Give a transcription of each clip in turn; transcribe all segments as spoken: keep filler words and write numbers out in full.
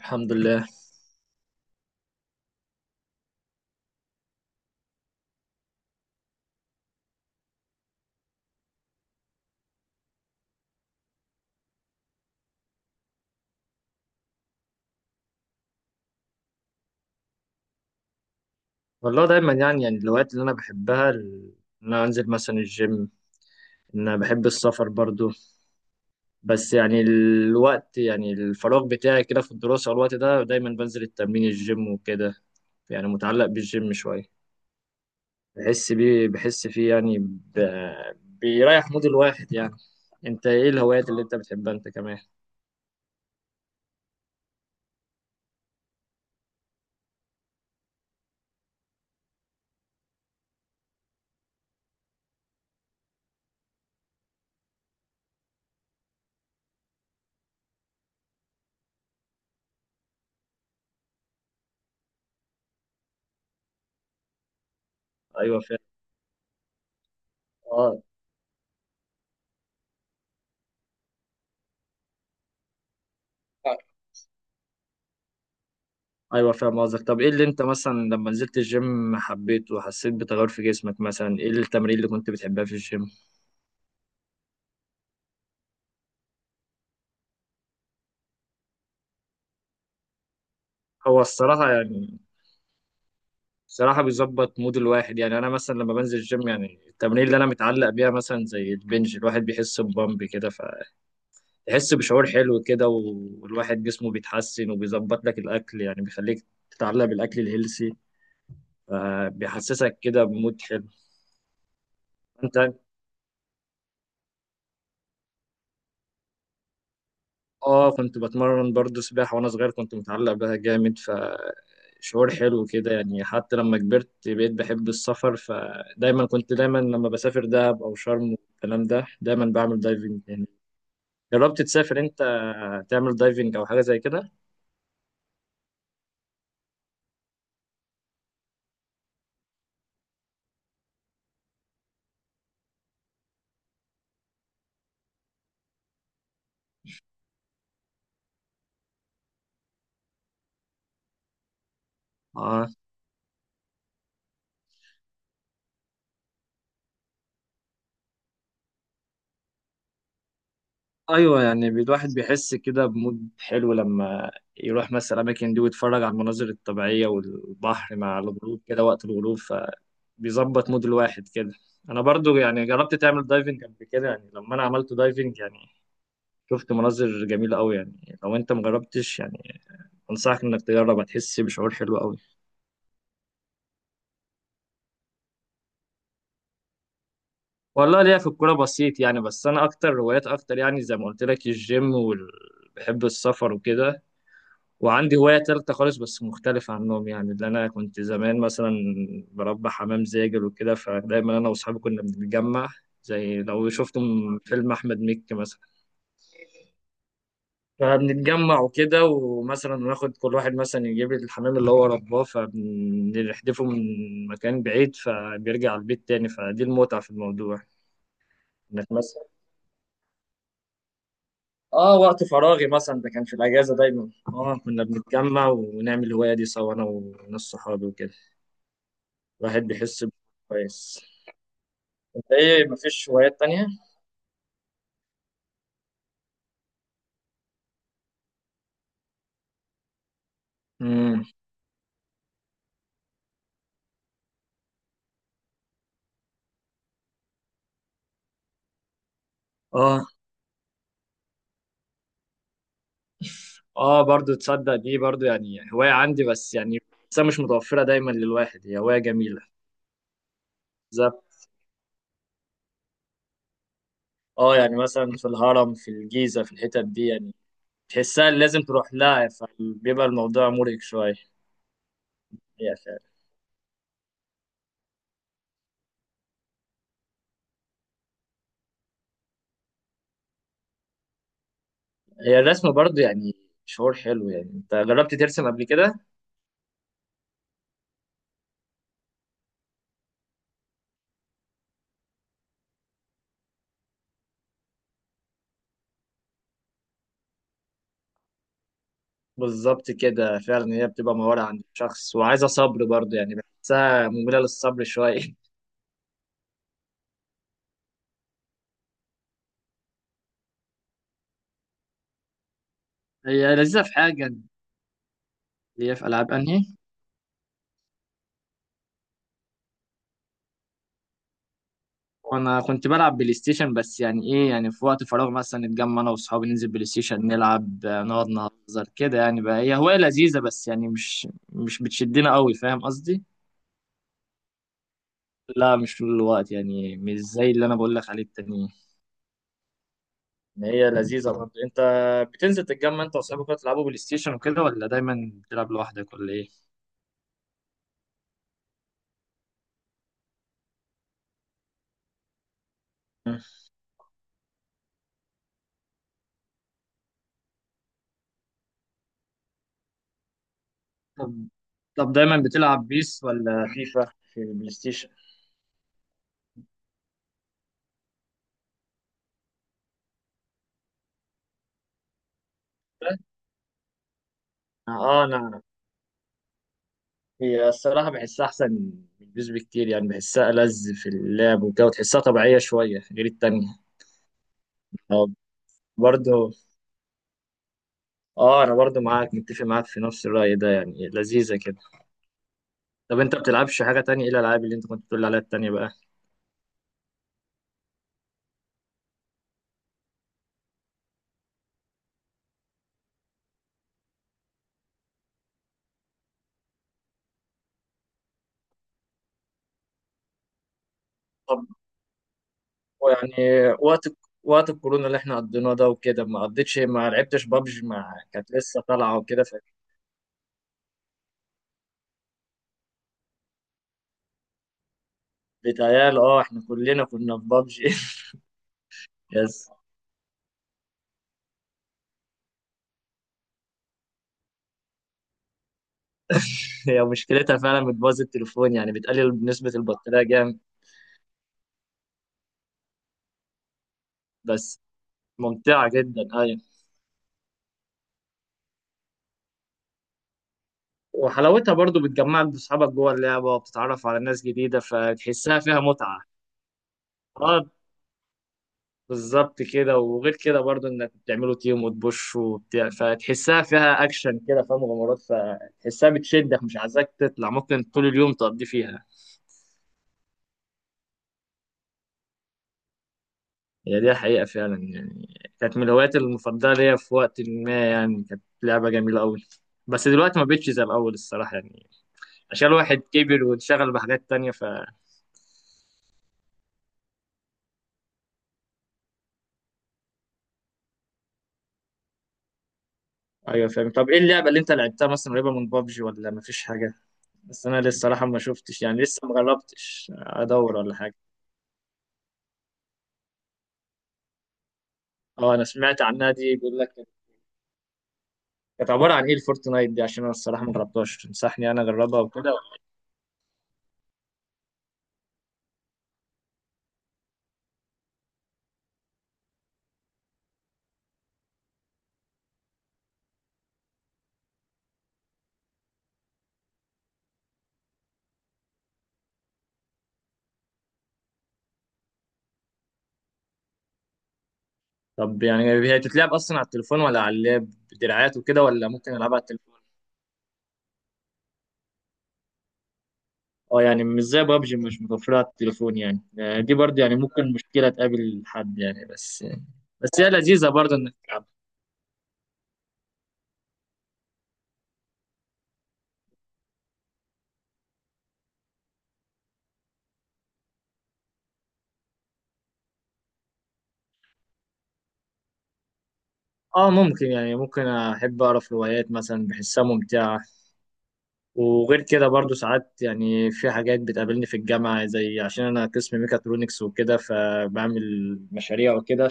الحمد لله. والله دايما يعني يعني الهوايات اللي انا بحبها ال- ان انا انزل مثلا الجيم، ان انا بحب السفر برضو. بس يعني الوقت يعني الفراغ بتاعي كده في الدراسة، والوقت ده دايما بنزل التمرين الجيم وكده، يعني متعلق بالجيم شوية. بحس بيه بحس فيه يعني ب... بيريح مود الواحد يعني. انت ايه الهوايات اللي انت بتحبها انت كمان؟ ايوه فاهم. اه. ايوه فاهم قصدك. طب ايه اللي انت مثلا لما نزلت الجيم حبيته وحسيت بتغير في جسمك؟ مثلا ايه التمرين اللي كنت بتحبها في الجيم؟ هو الصراحة يعني الصراحة بيظبط مود الواحد، يعني أنا مثلا لما بنزل الجيم يعني التمرين اللي أنا متعلق بيها مثلا زي البنج، الواحد بيحس ببامب كده، فتحس بشعور حلو كده، والواحد جسمه بيتحسن وبيظبط لك الأكل، يعني بيخليك تتعلق بالأكل الهيلسي، فبيحسسك كده بمود حلو. أنت اه كنت بتمرن برضو سباحة وانا صغير كنت متعلق بها جامد، فشعور حلو كده يعني. حتى لما كبرت بقيت بحب السفر، فدايما كنت دايما لما بسافر دهب او شرم والكلام ده دايما بعمل دايفنج يعني. جربت تسافر انت تعمل دايفنج او حاجة زي كده؟ اه. ايوه يعني بي- الواحد بيحس كده بمود حلو لما يروح مثلا الاماكن دي ويتفرج على المناظر الطبيعية والبحر مع الغروب كده وقت الغروب، بيظبط مود الواحد كده. انا برضو يعني جربت تعمل دايفنج قبل كده؟ يعني لما انا عملت دايفنج يعني شفت مناظر جميلة قوي، يعني لو انت مجربتش يعني انصحك انك تجرب، هتحس بشعور حلو قوي. والله ليا في الكورة بسيط يعني، بس انا اكتر هوايات اكتر يعني زي ما قلت لك الجيم وال... بحب السفر وكده. وعندي هواية تالتة خالص بس مختلفة عنهم، يعني اللي أنا كنت زمان مثلا بربي حمام زاجل وكده، فدايما أنا وأصحابي كنا بنتجمع زي لو شفتم فيلم أحمد مكي مثلا، فبنتجمع وكده، ومثلا ناخد كل واحد مثلا يجيب لي الحمام اللي هو رباه فبنحدفه من مكان بعيد فبيرجع البيت تاني، فدي المتعة في الموضوع. انك مثلا اه وقت فراغي مثلا ده كان في الاجازة دايما، اه كنا بنتجمع ونعمل الهواية دي سوا انا وناس صحابي وكده. الواحد بيحس كويس. انت ايه مفيش هوايات تانية؟ امم. اه. اه برضو تصدق دي برضو يعني هواية عندي، بس يعني بس مش متوفرة دايما للواحد، هي هواية جميلة. اه يعني مثلا في الهرم في الجيزة في الحتت دي يعني، تحسها اللي لازم تروح لها، فبيبقى الموضوع مرهق شوية. هي فعلا. هي الرسم برضه يعني شعور حلو، يعني انت جربت ترسم قبل كده؟ بالظبط كده فعلا، هي بتبقى مهارة عند الشخص وعايزة صبر برضه، يعني بحسها مملة للصبر شوية هي لذيذة في حاجة. هي في ألعاب أنهي؟ وانا كنت بلعب بلاي ستيشن، بس يعني ايه يعني في وقت فراغ مثلا نتجمع انا واصحابي ننزل بلاي ستيشن نلعب، آه، نقعد نهزر كده يعني، بقى هي هواية لذيذة بس يعني مش مش بتشدنا قوي، فاهم قصدي؟ لا مش طول الوقت يعني مش زي اللي انا بقول لك عليه التانيين، إن هي لذيذة برضه. انت بتنزل تتجمع انت واصحابك كده تلعبوا بلاي ستيشن وكده ولا دايما بتلعب لوحدك ولا ايه؟ مم. طب طب دايما بتلعب بيس ولا فيفا في البلاي ستيشن؟ اه انا هي الصراحة بحسها أحسن من بيس بكتير يعني، بحسها ألذ في اللعب وكده، وتحسها طبيعية شوية غير التانية. أه برضه. أه أنا برضه معاك متفق معاك في نفس الرأي ده، يعني لذيذة كده. طب أنت بتلعبش حاجة تانية؟ إيه الألعاب اللي أنت كنت بتقول عليها التانية بقى؟ طب يعني وقت وقت الكورونا اللي إحنا قضيناه ده وكده، ما قضيتش ما لعبتش بابجي مع كانت لسه طالعة وكده؟ فبيتهيألي أه إحنا كلنا كنا في بابجي يس. هي مشكلتها فعلا بتبوظ التليفون، يعني بتقلل نسبة البطارية جامد. بس ممتعة جدا أيوة. وحلاوتها برضو بتجمعك بأصحابك جوه اللعبة وبتتعرف على ناس جديدة، فتحسها فيها متعة. اه بالظبط كده. وغير كده برضو إنك بتعملوا تيم وتبوش وبتاع، فتحسها فيها أكشن كده، فيها مغامرات، فتحسها بتشدك مش عايزاك تطلع، ممكن طول اليوم تقضي فيها. هي دي حقيقة فعلا يعني، كانت من الهوايات المفضلة ليا في وقت ما، يعني كانت لعبة جميلة أوي، بس دلوقتي ما بقتش زي الأول الصراحة، يعني عشان الواحد كبر وانشغل بحاجات تانية. ايوه فاهم. طب ايه اللعبه اللي انت لعبتها مثلا قريبه من بابجي ولا مفيش حاجه؟ بس انا لسه الصراحه ما شفتش يعني لسه ما جربتش ادور ولا حاجه. اه انا سمعت عنها دي، بيقول لك كانت عباره عن ايه الفورتنايت دي؟ عشان انا الصراحه ما جربتهاش، تنصحني انا اجربها وكده؟ طب يعني هي تتلعب اصلا على التليفون ولا على اللاب بدراعات وكده ولا ممكن العبها على التليفون؟ اه يعني مش زي بابجي مش متوفره على التليفون يعني، آه، دي برضه يعني ممكن مشكله تقابل حد يعني بس. بس هي لذيذه برضه انك اه ممكن يعني، ممكن احب اقرا في روايات مثلا بحسها ممتعه. وغير كده برضو ساعات يعني في حاجات بتقابلني في الجامعه، زي عشان انا قسم ميكاترونكس وكده، فبعمل مشاريع وكده،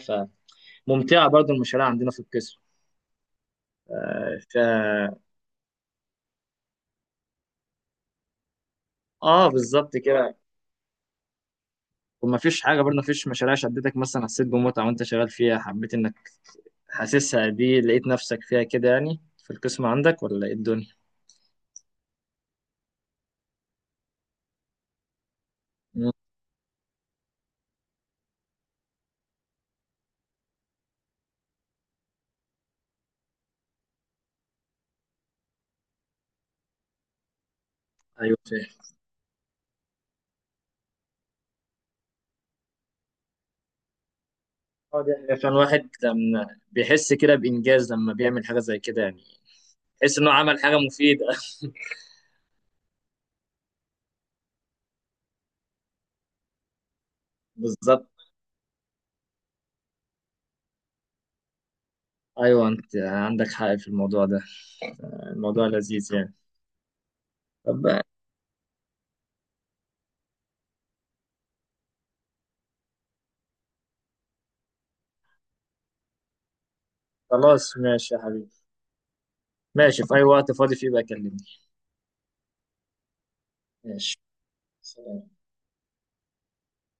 فممتعه برضو المشاريع عندنا في القسم. اه بالظبط كده. ومفيش حاجه برضو مفيش مشاريع شدتك مثلا حسيت بمتعه وانت شغال فيها، حبيت انك حاسسها دي لقيت نفسك فيها كده يعني في القسم عندك ولا ايه الدنيا؟ مم، ايوه فاهم. اه دي حقيقة. عشان الواحد لما بيحس كده بانجاز لما بيعمل حاجه زي كده يعني. تحس انه عمل حاجه مفيده بالظبط. ايوه انت عندك حق في الموضوع ده، الموضوع لذيذ يعني. طب خلاص ماشي يا حبيبي. ماشي. في اي وقت فاضي فيه بقى كلمني. ماشي. سلام.